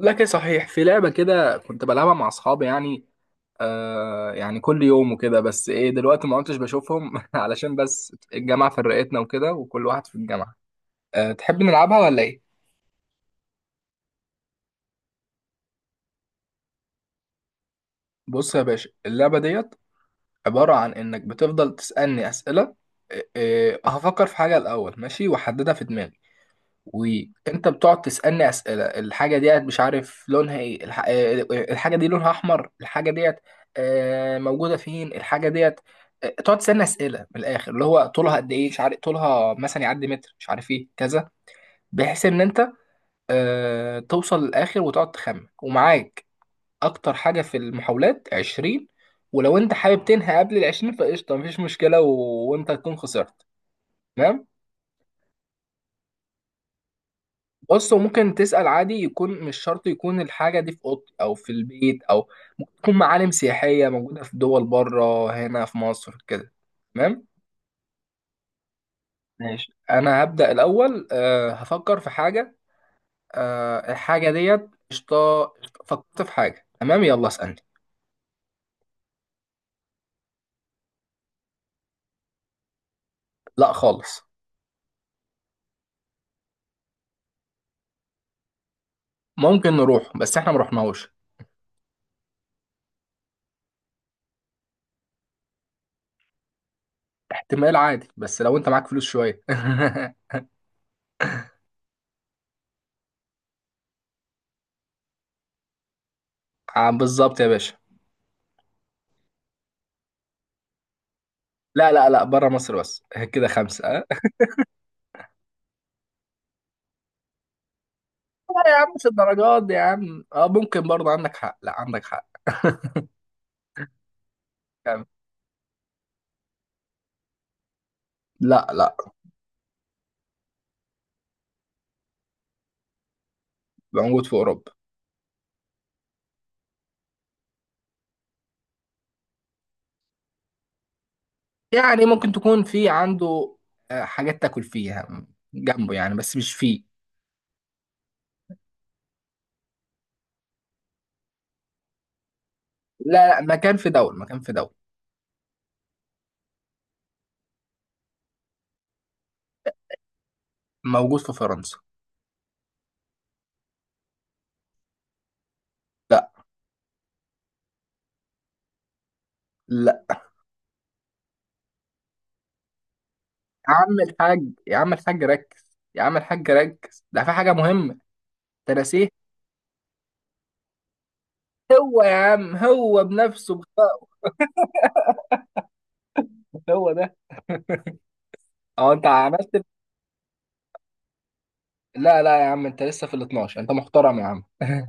لكن صحيح، في لعبة كده كنت بلعبها مع أصحابي، يعني كل يوم وكده، بس إيه دلوقتي ما كنتش بشوفهم علشان بس الجامعة فرقتنا وكده، وكل واحد في الجامعة. آه، تحب نلعبها ولا إيه؟ بص يا باشا، اللعبة ديت عبارة عن إنك بتفضل تسألني أسئلة. آه، آه، هفكر في حاجة الأول، ماشي، وأحددها في دماغي. وانت بتقعد تسالني اسئله، الحاجه ديت مش عارف لونها ايه، الحاجه دي لونها احمر. الحاجه ديت موجوده فين؟ الحاجه ديت تقعد تسالني اسئله من الاخر، اللي هو طولها قد ايه، مش عارف طولها مثلا يعدي متر، مش عارف ايه كذا. بحيث ان انت توصل للاخر وتقعد تخمن، ومعاك اكتر حاجه في المحاولات 20. ولو انت حابب تنهي قبل ال 20 فقشطه، مفيش مشكله وانت تكون خسرت. تمام. بص، هو ممكن تسأل عادي، يكون مش شرط يكون الحاجة دي في أوضتي أو في البيت، أو ممكن تكون معالم سياحية موجودة في دول بره، هنا في مصر كده. تمام. ماشي، أنا هبدأ الأول. هفكر في حاجة. الحاجة ديت قشطة قشطة. فكرت في حاجة. تمام، يلا اسألني. لا خالص. ممكن نروح، بس احنا مروحناهوش. احتمال عادي، بس لو انت معاك فلوس شوية. آه، بالظبط يا باشا. لا، لا، لا، بره مصر بس. كده 5. لا يا عم، مش الدرجات دي يا عم. اه، ممكن برضه عندك حق، لا عندك حق. يعني. لا، لا. موجود في اوروبا. يعني ممكن تكون في عنده حاجات تاكل فيها جنبه، يعني بس مش فيه. لا، لا، مكان في دولة، مكان في دولة. موجود في فرنسا. لا. لا. يا عم الحاج، يا عم الحاج ركز، يا عم الحاج ركز، ده في حاجة مهمة تنسيه. هو يا عم، هو بنفسه بخلقه. هو ده. هو انت عملت. لا، لا يا عم، انت لسه في ال 12. انت محترم يا عم.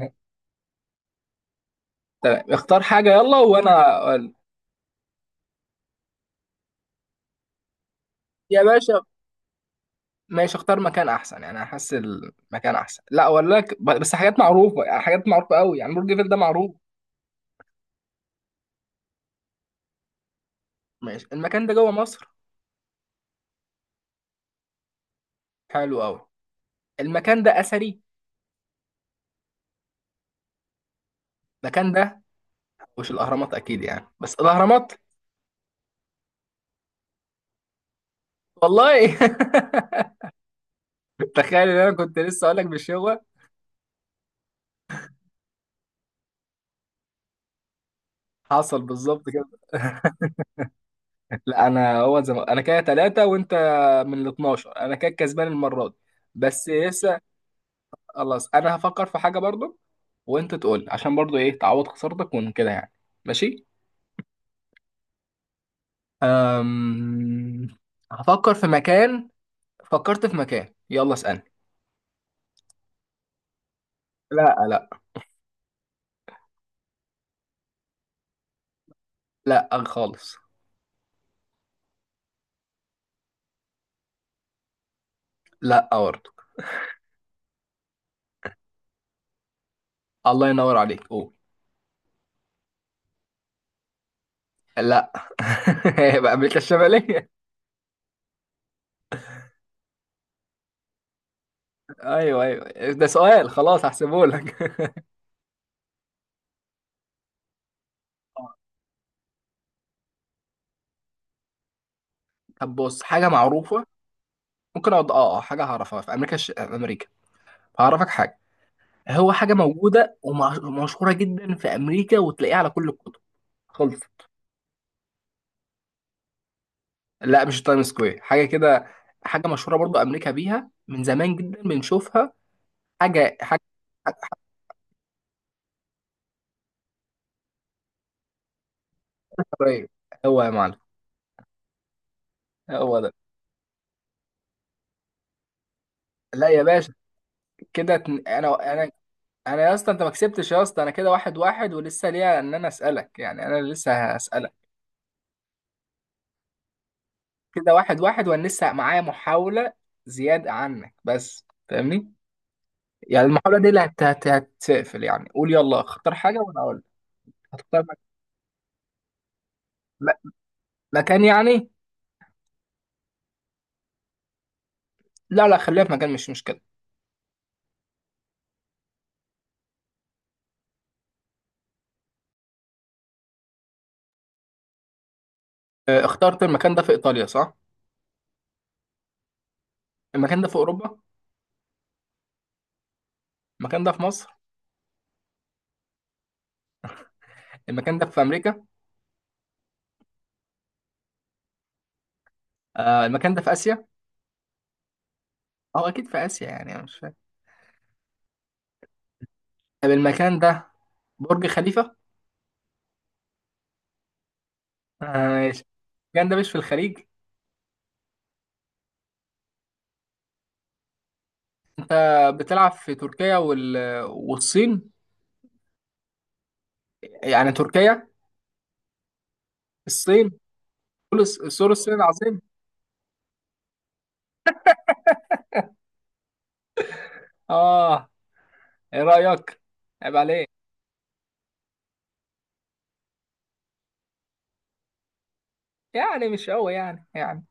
تمام، اختار حاجة يلا، وأنا أقول. يا باشا. ماشي، اختار مكان أحسن، يعني أحس المكان أحسن، لا أقول لك بس حاجات معروفة، يعني حاجات معروفة أوي، يعني برج إيفل ده معروف. ماشي، المكان ده جوه مصر. حلو أوي. المكان ده أثري. المكان ده مش الأهرامات أكيد يعني، بس الأهرامات. والله. تخيل إن أنا كنت لسه أقول لك بالشغل. حصل بالظبط كده. لا، أنا كده 3 وأنت، من ال 12 أنا كده كسبان المرة دي. بس لسه. خلاص، انا هفكر في حاجه برضو. وانت تقول عشان برضو ايه، تعوض خسارتك وكده يعني. ماشي. أم... هفكر في مكان. فكرت في مكان، يلا اسألني. لا، لا. لا خالص. لا برضو. الله ينور عليك، قول. لا. يبقى امريكا الشماليه. ايوه، ايوه، ده سؤال. خلاص، هحسبه لك. طب بص، حاجه معروفه. ممكن اقعد حاجه هعرفها في امريكا في امريكا. هعرفك حاجه. هو حاجه موجوده ومشهوره جدا في امريكا، وتلاقيها على كل الكتب. خلص. لا، مش تايم سكوير، حاجه كده. حاجه مشهوره برضو، امريكا بيها من زمان جدا، بنشوفها. حاجه، حاجه. قريب. هو يا معلم. هو ده. لا يا باشا، كده انا. انا يا اسطى، انت ما كسبتش يا اسطى، انا كده 1-1 ولسه ليا ان انا اسالك يعني، انا لسه هسالك. كده واحد واحد، وانا لسه معايا محاوله زياده عنك، بس فاهمني. يعني المحاوله دي اللي هتقفل يعني، قول يلا، اختار حاجه وانا اقول لك. هتختار م- مكان يعني؟ لا، لا، خليها في مكان، مش مشكله. آه، اخترت المكان ده في إيطاليا، صح؟ المكان ده في أوروبا؟ المكان ده في مصر؟ المكان ده في أمريكا؟ آه، المكان ده في آسيا؟ أو أكيد في آسيا يعني، أنا مش فاهم. طب المكان ده برج خليفة؟ آه، ماشي. المكان ده مش في الخليج؟ أنت بتلعب في تركيا والصين؟ يعني تركيا؟ الصين؟ سور الصين العظيم؟ آه. إيه رأيك؟ عيب عليك. يعني مش قوي يعني.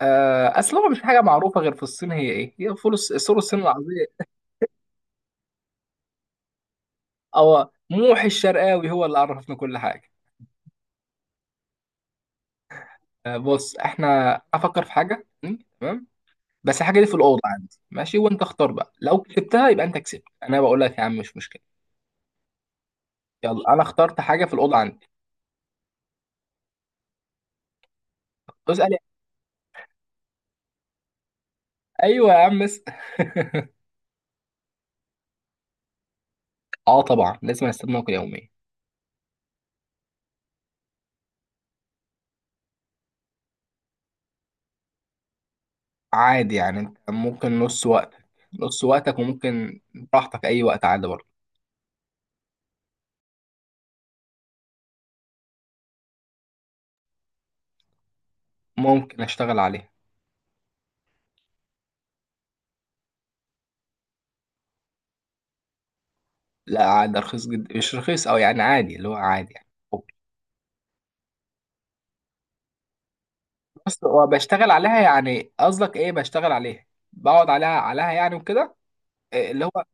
أصل هو مش حاجة معروفة غير في الصين. هي إيه؟ هي سور الصين العظيم. هو موحي الشرقاوي هو اللي عرفنا كل حاجة. آه، بص، احنا افكر في حاجة تمام. بس الحاجة دي في الأوضة عندي، ماشي؟ وانت اختار بقى، لو كسبتها يبقى انت كسبت، انا بقول لك يا عم، مش مشكلة. يلا، انا اخترت حاجة في الأوضة عندي. اسأل. ايوه يا عم، اسأل. اه، طبعا لازم استخدمك يوميا. عادي يعني، انت ممكن نص وقتك وممكن، براحتك اي وقت، عادي برضه. ممكن اشتغل عليه. لا، عادي رخيص جدا، مش رخيص او يعني عادي، اللي هو عادي يعني. بس، وبشتغل عليها يعني، قصدك ايه بشتغل عليها؟ بقعد عليها يعني وكده. إيه اللي هو.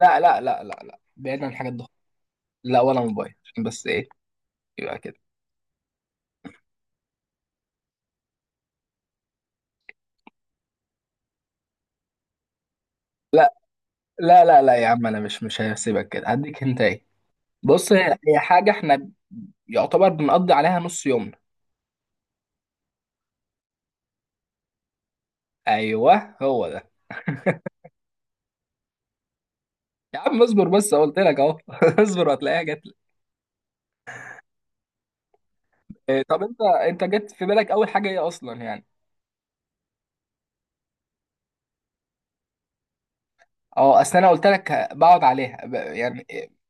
لا، لا، لا، لا، لا، بعيد عن الحاجات دي. لا، ولا موبايل، عشان بس ايه، يبقى كده. لا، لا، لا، لا يا عم، انا مش هسيبك كده، هديك انت ايه. بص، هي حاجه احنا يعتبر بنقضي عليها نص يومنا. ايوه، هو ده. يا عم اصبر، بس قلت لك اهو. اصبر، هتلاقيها جت لك. إيه طب انت جت في بالك اول حاجه ايه اصلا يعني؟ اه، اصل انا قلت لك بقعد عليها يعني،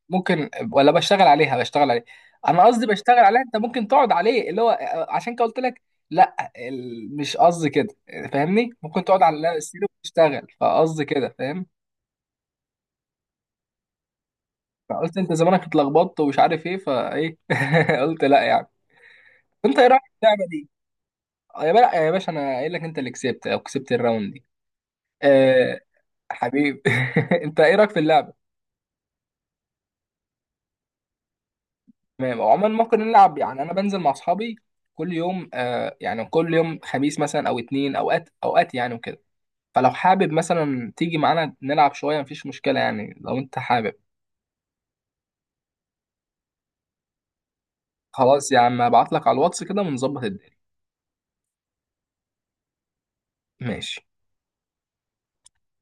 ممكن، ولا بشتغل عليها بشتغل عليها. انا قصدي بشتغل عليها، انت ممكن تقعد عليه اللي هو، عشان كده قلت لك. لا، مش قصدي كده. فاهمني، ممكن تقعد على السرير وتشتغل، فقصدي كده، فاهم. فقلت انت زمانك اتلخبطت ومش عارف ايه فايه. قلت لا يعني. انت ايه رايك في اللعبه دي؟ آه، يا بلا يا باشا، انا قايل لك انت اللي كسبت، او كسبت الراوند دي. أه. حبيبي. انت ايه رايك في اللعبه؟ تمام، وعموما ممكن نلعب يعني، انا بنزل مع اصحابي كل يوم، يعني كل يوم خميس مثلا او اتنين، اوقات اوقات يعني وكده. فلو حابب مثلا تيجي معانا نلعب شويه، مفيش مشكله يعني، لو انت حابب. خلاص يا عم، هبعت لك على الواتس كده ونظبط الدنيا. ماشي.